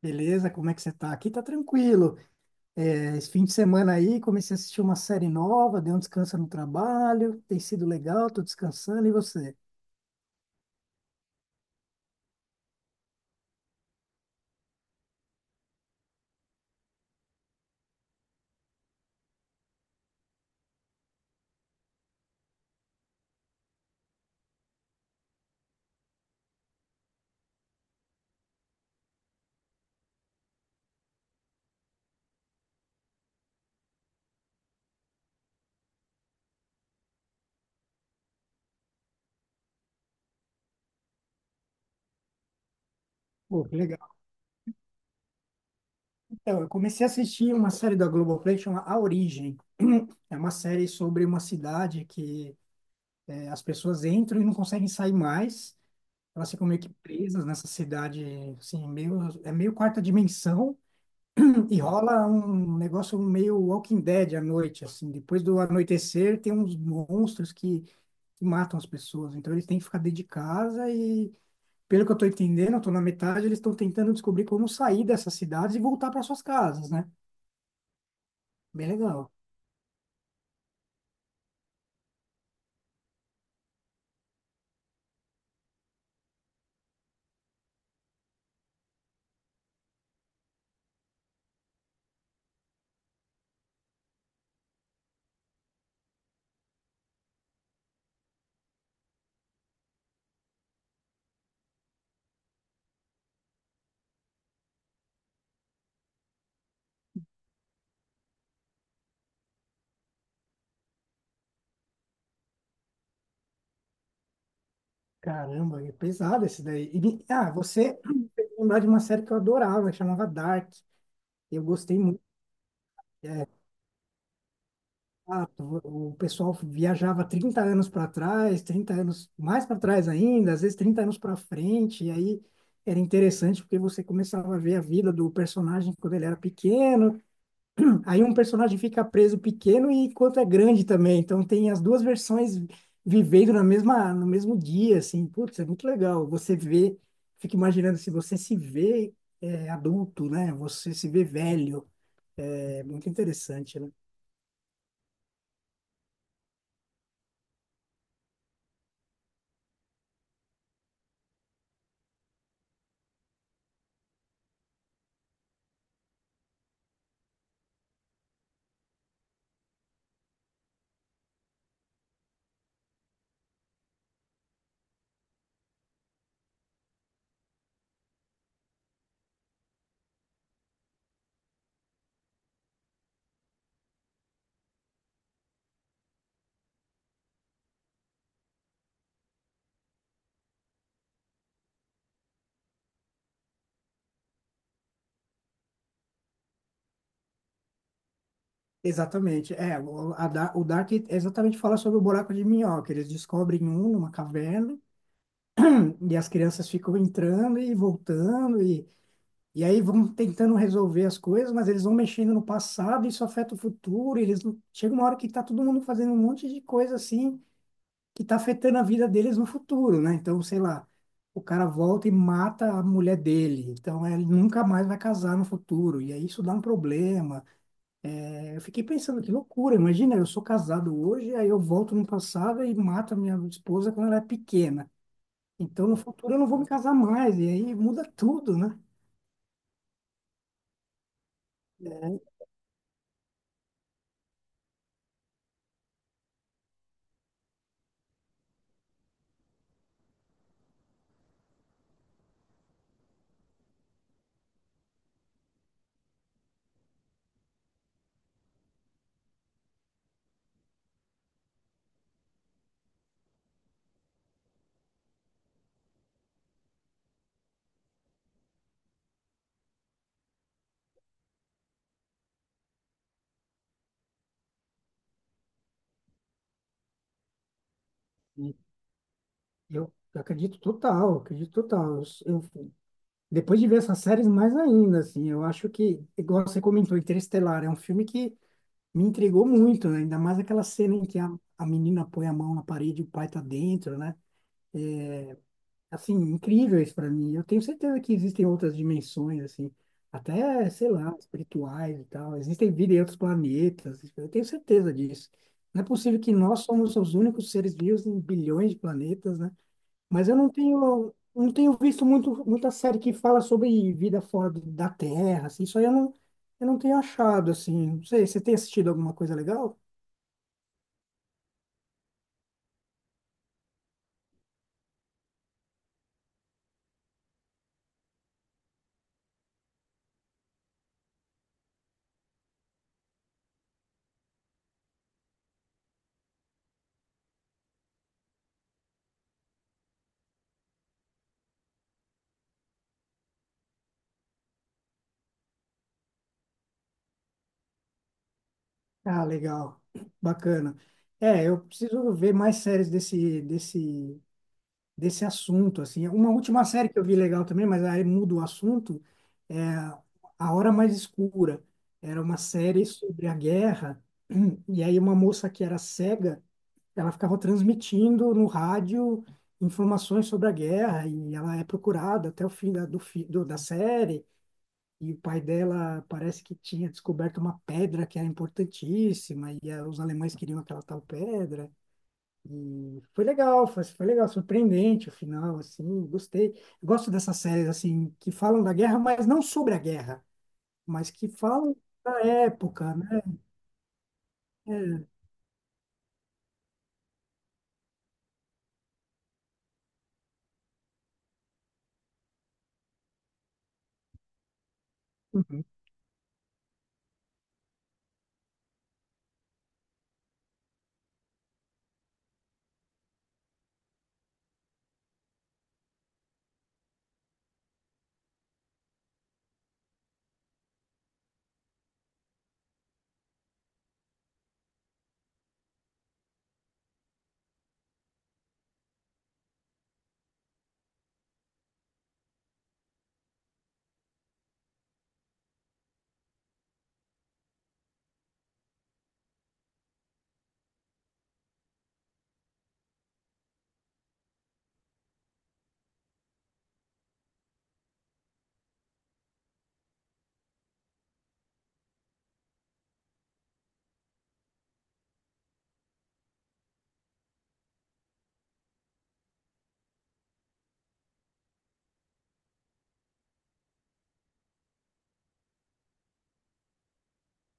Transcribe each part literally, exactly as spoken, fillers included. Beleza, como é que você tá? Aqui tá tranquilo. É, esse fim de semana aí comecei a assistir uma série nova, dei um descanso no trabalho, tem sido legal, tô descansando, e você? Pô, que legal. Então, eu comecei a assistir uma série da Globoplay chama A Origem. É uma série sobre uma cidade que é, as pessoas entram e não conseguem sair mais. Elas ficam meio que presas nessa cidade, assim, meio, é meio quarta dimensão. E rola um negócio meio Walking Dead à noite, assim. Depois do anoitecer, tem uns monstros que que matam as pessoas. Então eles têm que ficar dentro de casa e, pelo que eu estou entendendo, eu estou na metade, eles estão tentando descobrir como sair dessas cidades e voltar para suas casas, né? Bem legal. Caramba, é pesado esse daí. E me- ah, você lembrar de uma série que eu adorava, que chamava Dark. Eu gostei muito. É, ah, o o pessoal viajava trinta anos para trás, trinta anos mais para trás ainda, às vezes trinta anos para frente, e aí era interessante porque você começava a ver a vida do personagem quando ele era pequeno. Aí um personagem fica preso pequeno e quanto é grande também. Então tem as duas versões vivendo na mesma, no mesmo dia, assim. Putz, é muito legal. Você vê, fica imaginando se você se vê é, adulto, né? Você se vê velho. É muito interessante, né? Exatamente. É, o, a Da- o Dark é exatamente fala sobre o buraco de minhoca. Eles descobrem um numa caverna e as crianças ficam entrando e voltando. e E aí vão tentando resolver as coisas, mas eles vão mexendo no passado, isso afeta o futuro, e eles não. Chega uma hora que tá todo mundo fazendo um monte de coisa assim que tá afetando a vida deles no futuro, né? Então, sei lá, o cara volta e mata a mulher dele, então é, ele nunca mais vai casar no futuro, e aí isso dá um problema. É, eu fiquei pensando, que loucura, imagina, eu sou casado hoje, aí eu volto no passado e mato a minha esposa quando ela é pequena. Então, no futuro eu não vou me casar mais, e aí muda tudo, né? Eu acredito total, acredito total. Eu, eu- depois de ver essas séries, mais ainda, assim, eu acho que, igual você comentou, Interestelar, é um filme que me intrigou muito, né? Ainda mais aquela cena em que a, a menina põe a mão na parede e o pai tá dentro, né? Assim, incrível isso para mim. Eu tenho certeza que existem outras dimensões, assim, até, sei lá, espirituais e tal. Existem vida em outros planetas, eu tenho certeza disso. Não é possível que nós somos os únicos seres vivos em bilhões de planetas, né? Mas eu não tenho, não tenho visto muito, muita série que fala sobre vida fora do- da Terra, assim. Isso aí eu não, eu não tenho achado, assim. Não sei, você tem assistido alguma coisa legal? Ah, legal. Bacana. É, eu preciso ver mais séries desse, desse, desse assunto, assim. Uma última série que eu vi legal também, mas aí muda o assunto, é A Hora Mais Escura. Era uma série sobre a guerra, e aí uma moça que era cega. Ela ficava transmitindo no rádio informações sobre a guerra e ela é procurada até o fim da, do, fi- do- da série. E o pai dela parece que tinha descoberto uma pedra que era importantíssima e eh, os alemães queriam aquela tal pedra. E foi legal, foi, foi legal, surpreendente o final, assim, gostei. Gosto dessas séries, assim, que falam da guerra, mas não sobre a guerra, mas que falam da época, né? É, uhum,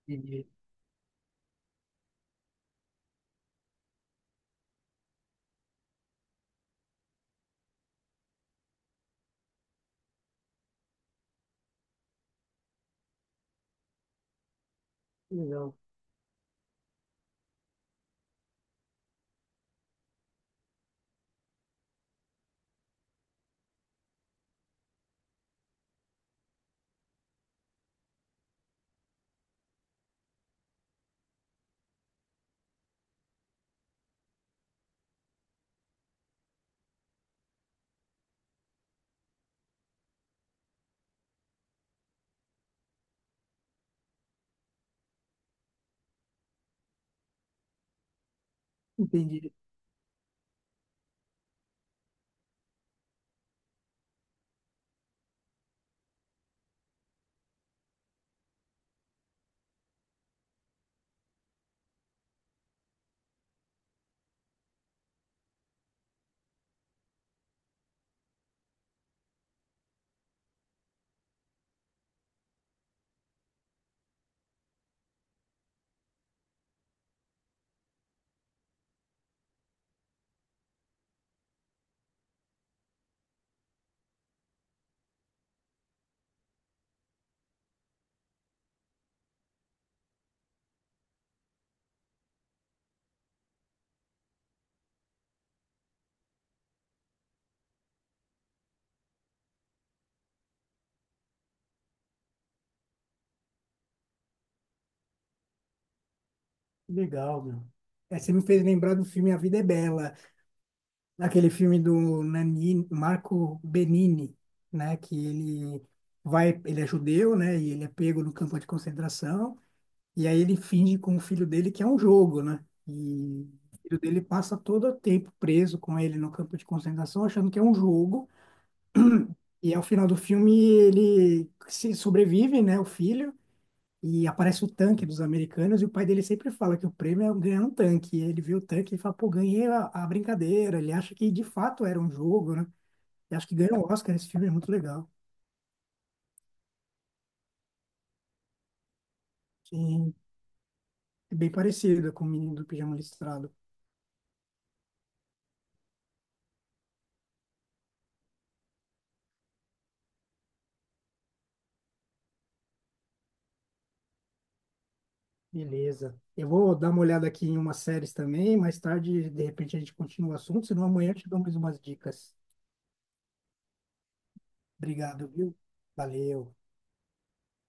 entendi. Legal, entendi. Que legal, meu. É, você me fez lembrar do filme A Vida é Bela, aquele filme do Nani Marco Benini, né? Que ele vai, ele é judeu, né? E ele é pego no campo de concentração e aí ele finge com o filho dele que é um jogo, né? E o filho dele passa todo o tempo preso com ele no campo de concentração, achando que é um jogo. E ao final do filme ele se sobrevive, né? O filho. E aparece o tanque dos americanos e o pai dele sempre fala que o prêmio é ganhar um tanque. E ele vê o tanque e fala, pô, ganhei a, a brincadeira. Ele acha que de fato era um jogo, né? E acho que ganhou o Oscar. Esse filme é muito legal. E é bem parecido com o Menino do Pijama Listrado. Beleza. Eu vou dar uma olhada aqui em umas séries também. Mais tarde, de repente, a gente continua o assunto. Senão amanhã eu te dou mais umas dicas. Obrigado, viu? Valeu.